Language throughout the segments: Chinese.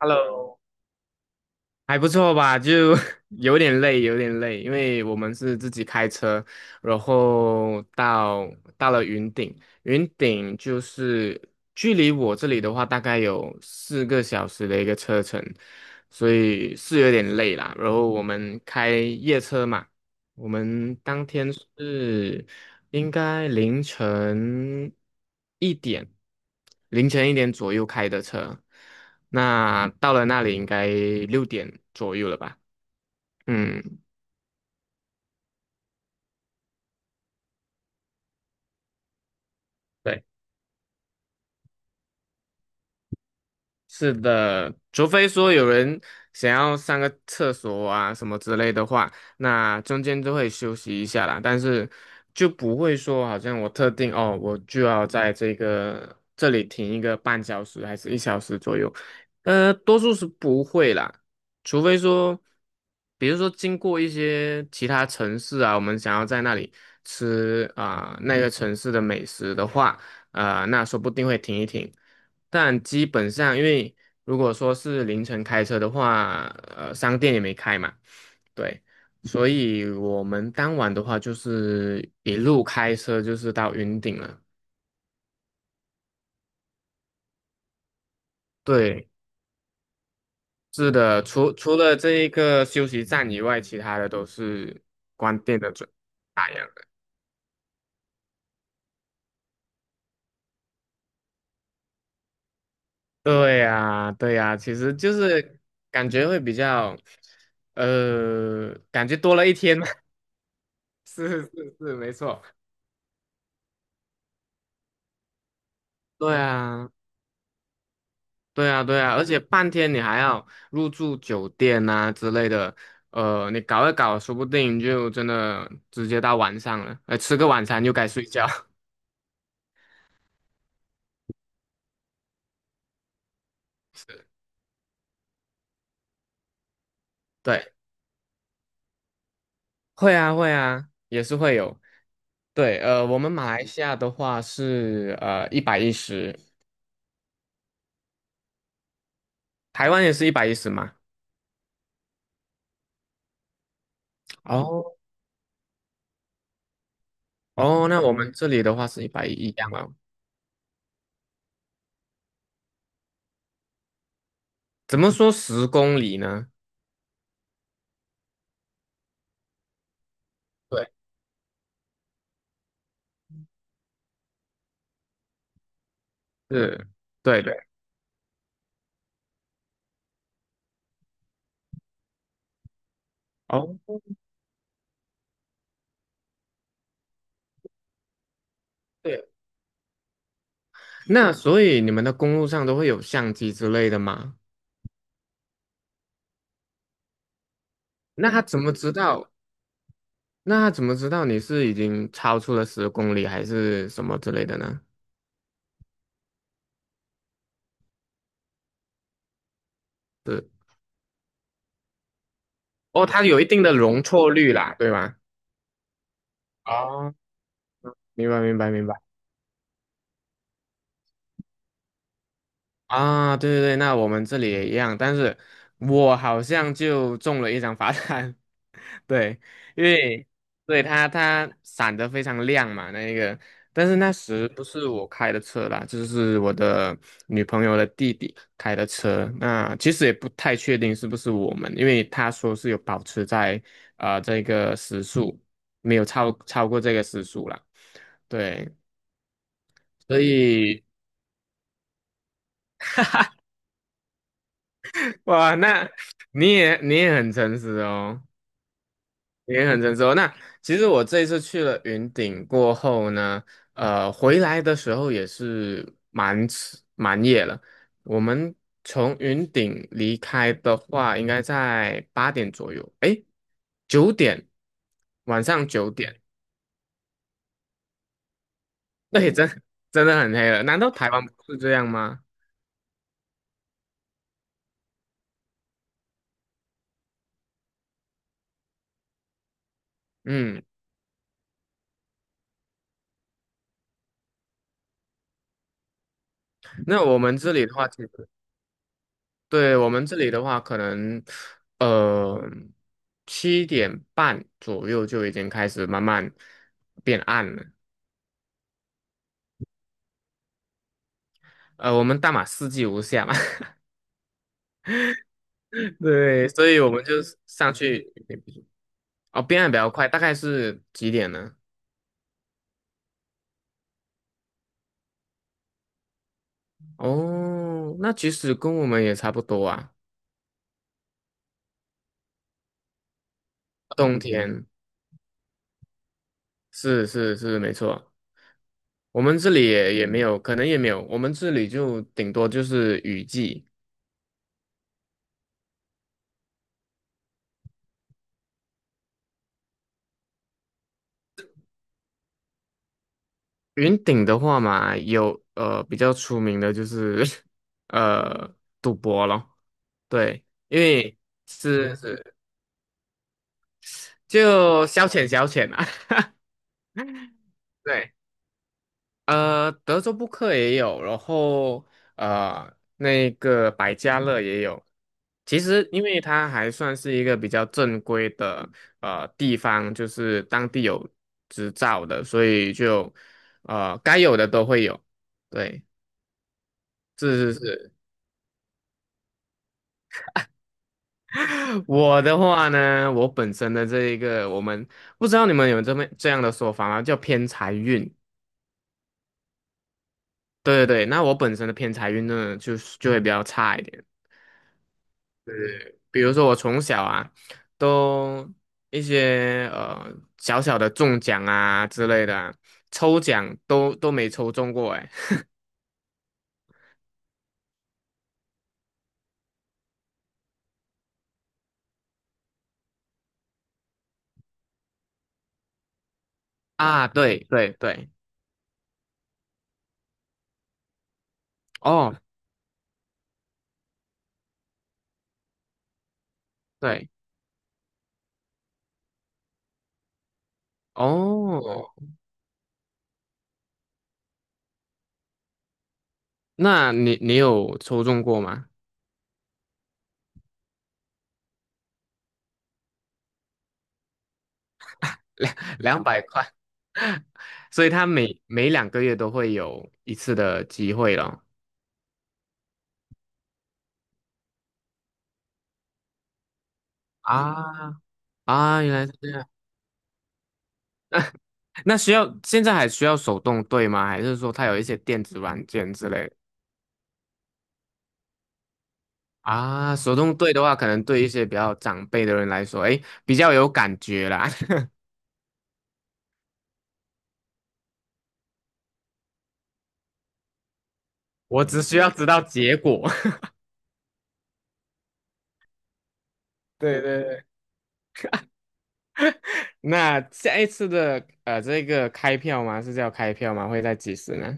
Hello，还不错吧？就 有点累，有点累，因为我们是自己开车，然后到了云顶，云顶就是距离我这里的话，大概有4个小时的一个车程，所以是有点累啦。然后我们开夜车嘛。我们当天是应该一点，凌晨一点左右开的车，那到了那里应该6点左右了吧？嗯。对。是的，除非说有人想要上个厕所啊什么之类的话，那中间都会休息一下啦。但是就不会说好像我特定哦，我就要在这里停一个半小时还是1小时左右，多数是不会啦。除非说，比如说经过一些其他城市啊，我们想要在那里吃啊、那个城市的美食的话。那说不定会停一停。但基本上，因为如果说是凌晨开车的话，商店也没开嘛，对，所以我们当晚的话就是一路开车就是到云顶了。对，是的，除了这一个休息站以外，其他的都是关店的打烊的。对呀，对呀，其实就是感觉会比较，呃，感觉多了一天嘛。是是是，没错。对啊，对啊，对啊，而且半天你还要入住酒店啊之类的，你搞一搞，说不定就真的直接到晚上了，哎，吃个晚餐就该睡觉。是，对，会啊，会啊，也是会有。对，我们马来西亚的话是一百一十，台湾也是一百一十嘛。哦哦，那我们这里的话是一百一一样啊。怎么说十公里呢？对，是，对对。哦。对，那所以你们的公路上都会有相机之类的吗？那他怎么知道？那他怎么知道你是已经超出了十公里还是什么之类的呢？是，哦，它有一定的容错率啦，对吧？哦，明白明白明白。啊，对对对，那我们这里也一样，但是我好像就中了一张罚单，对，因为对它闪得非常亮嘛，那一个，但是那时不是我开的车啦，就是我的女朋友的弟弟开的车。那其实也不太确定是不是我们，因为他说是有保持在这个时速，没有超过这个时速啦。对，所以 哇，那你也很诚实哦。也很成熟。那其实我这一次去了云顶过后呢，回来的时候也是蛮迟蛮夜了。我们从云顶离开的话，应该在8点左右，诶，九点，晚上9点，那也真 真的很黑了。难道台湾不是这样吗？嗯，那我们这里的话，其实。对，我们这里的话，可能呃7点半左右就已经开始慢慢变暗了。我们大马四季无夏嘛，对，所以我们就上去。哦，变暗比较快，大概是几点呢？哦，那其实跟我们也差不多啊。冬天是是是，没错，我们这里也没有，可能也没有，我们这里就顶多就是雨季。云顶的话嘛，有比较出名的就是 呃赌博咯，对，因为是就消遣消遣啊，对，德州扑克也有，然后那个百家乐也有。其实，因为它还算是一个比较正规的地方，就是当地有执照的，所以就该有的都会有。对，是是是，我的话呢，我本身的这一个，我们不知道你们有这样的说法吗？叫偏财运。对对对，那我本身的偏财运呢，就是就会比较差一点。比如说我从小啊，都一些小小的中奖啊之类的啊抽奖都没抽中过哎。啊，对对对，哦对哦，那你有抽中过吗？两百块，所以他每2个月都会有一次的机会了啊啊，原来是这样，那需要现在还需要手动对吗？还是说它有一些电子软件之类的？啊？手动对的话，可能对一些比较长辈的人来说，哎，比较有感觉啦。我只需要知道结果。对对对。那下一次的这个开票吗？是叫开票吗？会在几时呢？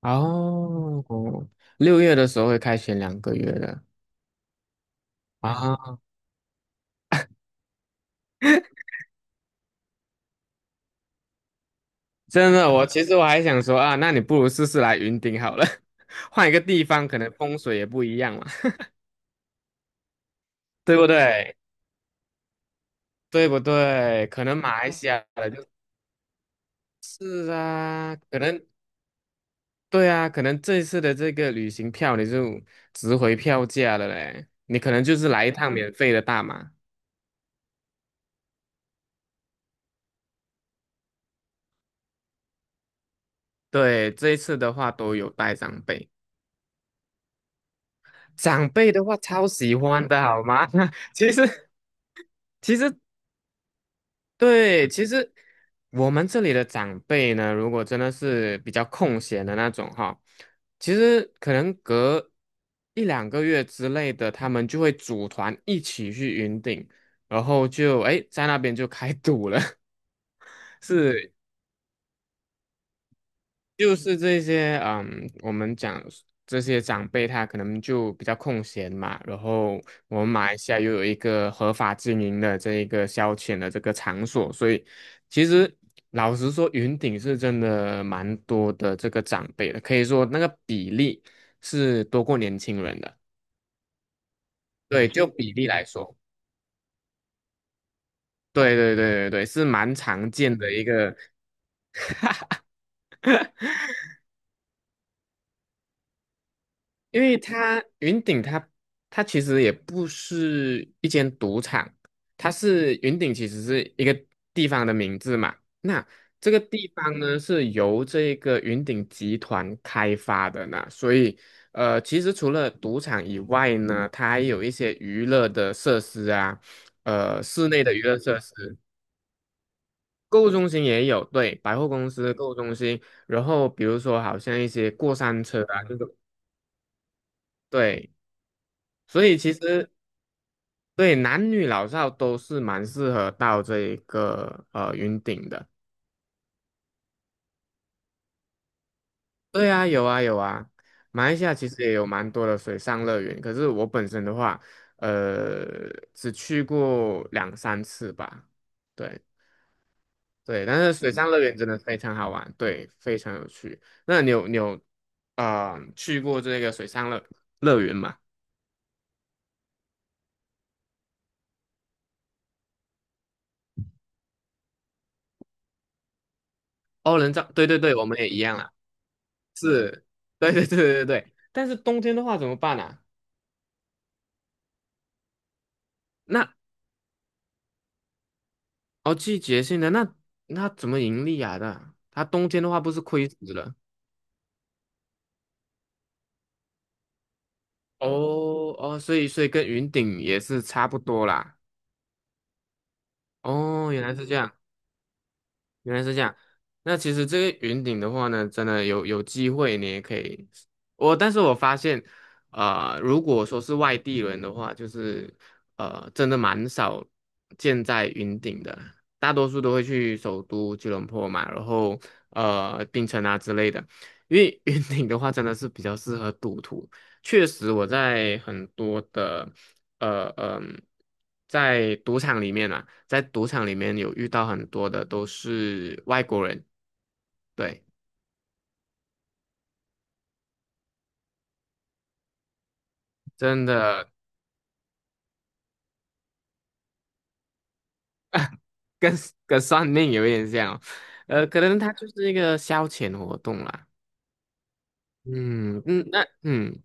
哦，6月的时候会开选两个月的。啊，真的，其实我还想说啊，那你不如试试来云顶好了，换一个地方，可能风水也不一样嘛，对不对？对不对？可能马来西亚的就是啊，可能对啊，可能这一次的这个旅行票你就值回票价了嘞，你可能就是来一趟免费的大马。对，这一次的话都有带长辈，长辈的话超喜欢的好吗？其实其实对，其实我们这里的长辈呢，如果真的是比较空闲的那种哈，其实可能隔1、2个月之类的，他们就会组团一起去云顶，然后就哎在那边就开赌了，是，就是这些，嗯，我们讲这些长辈他可能就比较空闲嘛，然后我们马来西亚又有一个合法经营的这一个消遣的这个场所，所以其实老实说，云顶是真的蛮多的这个长辈的，可以说那个比例是多过年轻人的，对，就比例来说，对对对对对，是蛮常见的一个。因为它云顶它其实也不是一间赌场，云顶其实是一个地方的名字嘛。那这个地方呢是由这个云顶集团开发的呢，所以其实除了赌场以外呢，它还有一些娱乐的设施啊，室内的娱乐设施，购物中心也有，对，百货公司购物中心，然后比如说好像一些过山车啊这种，对。所以其实对，男女老少都是蛮适合到这一个云顶的。对啊，有啊有啊，马来西亚其实也有蛮多的水上乐园，可是我本身的话，呃，只去过2、3次吧。对对，但是水上乐园真的非常好玩，对，非常有趣。那你有去过这个水上乐园吗？哦，人造，对对对，我们也一样啦。对对对对对对，但是冬天的话怎么办啊？那。哦，季节性的，那怎么盈利啊？那它冬天的话不是亏死了？哦哦，所以跟云顶也是差不多啦。哦，原来是这样。原来是这样。那其实这个云顶的话呢，真的有机会你也可以。但是我发现，如果说是外地人的话，就是真的蛮少见在云顶的，大多数都会去首都吉隆坡嘛，然后槟城啊之类的。因为 云顶的话，真的是比较适合赌徒。确实，我在很多的呃嗯、在赌场里面啊，在赌场里面有遇到很多的都是外国人，对，真的，跟跟算命有一点像哦，可能它就是一个消遣活动啦。嗯嗯，那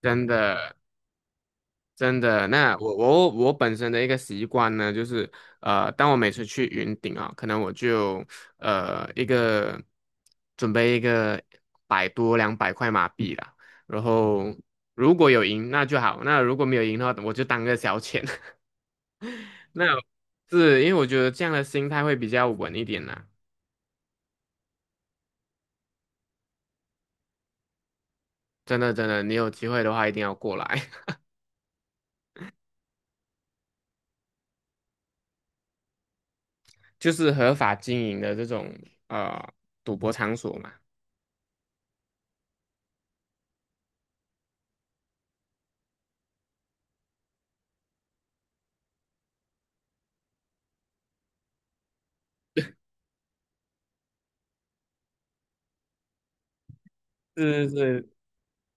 真的。真的，那我本身的一个习惯呢，就是当我每次去云顶啊，可能我就呃一个准备一个百多两百块马币啦，然后如果有赢那就好，那如果没有赢的话，我就当个小钱。那是因为我觉得这样的心态会比较稳一点啦。真的真的，你有机会的话一定要过来，就是合法经营的这种呃赌博场所嘛。是是，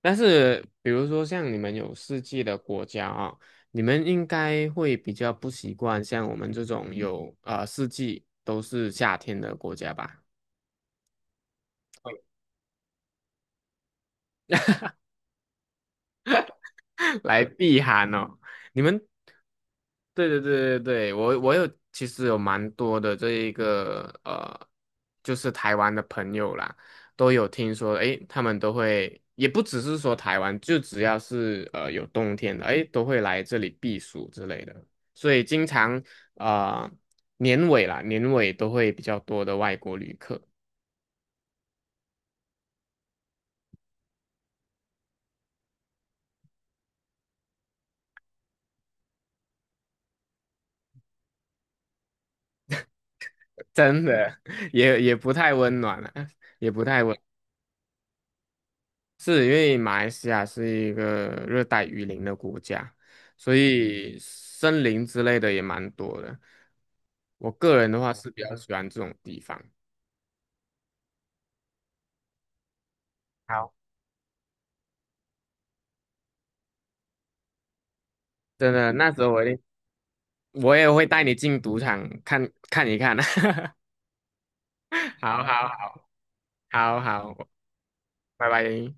但是比如说像你们有四季的国家啊，你们应该会比较不习惯像我们这种有四季都是夏天的国家吧，来避寒哦。你们对对对对对，我有其实有蛮多的这一个，就是台湾的朋友啦，都有听说，诶，他们都会，也不只是说台湾，就只要是有冬天的，诶，都会来这里避暑之类的，所以经常啊、年尾啦，年尾都会比较多的外国旅客，真的 也不太温暖了，也不太。温。是因为马来西亚是一个热带雨林的国家，所以森林之类的也蛮多的。我个人的话是比较喜欢这种地方。好，真的，那时候我一定我也会带你进赌场看看一看。好好好好，拜拜。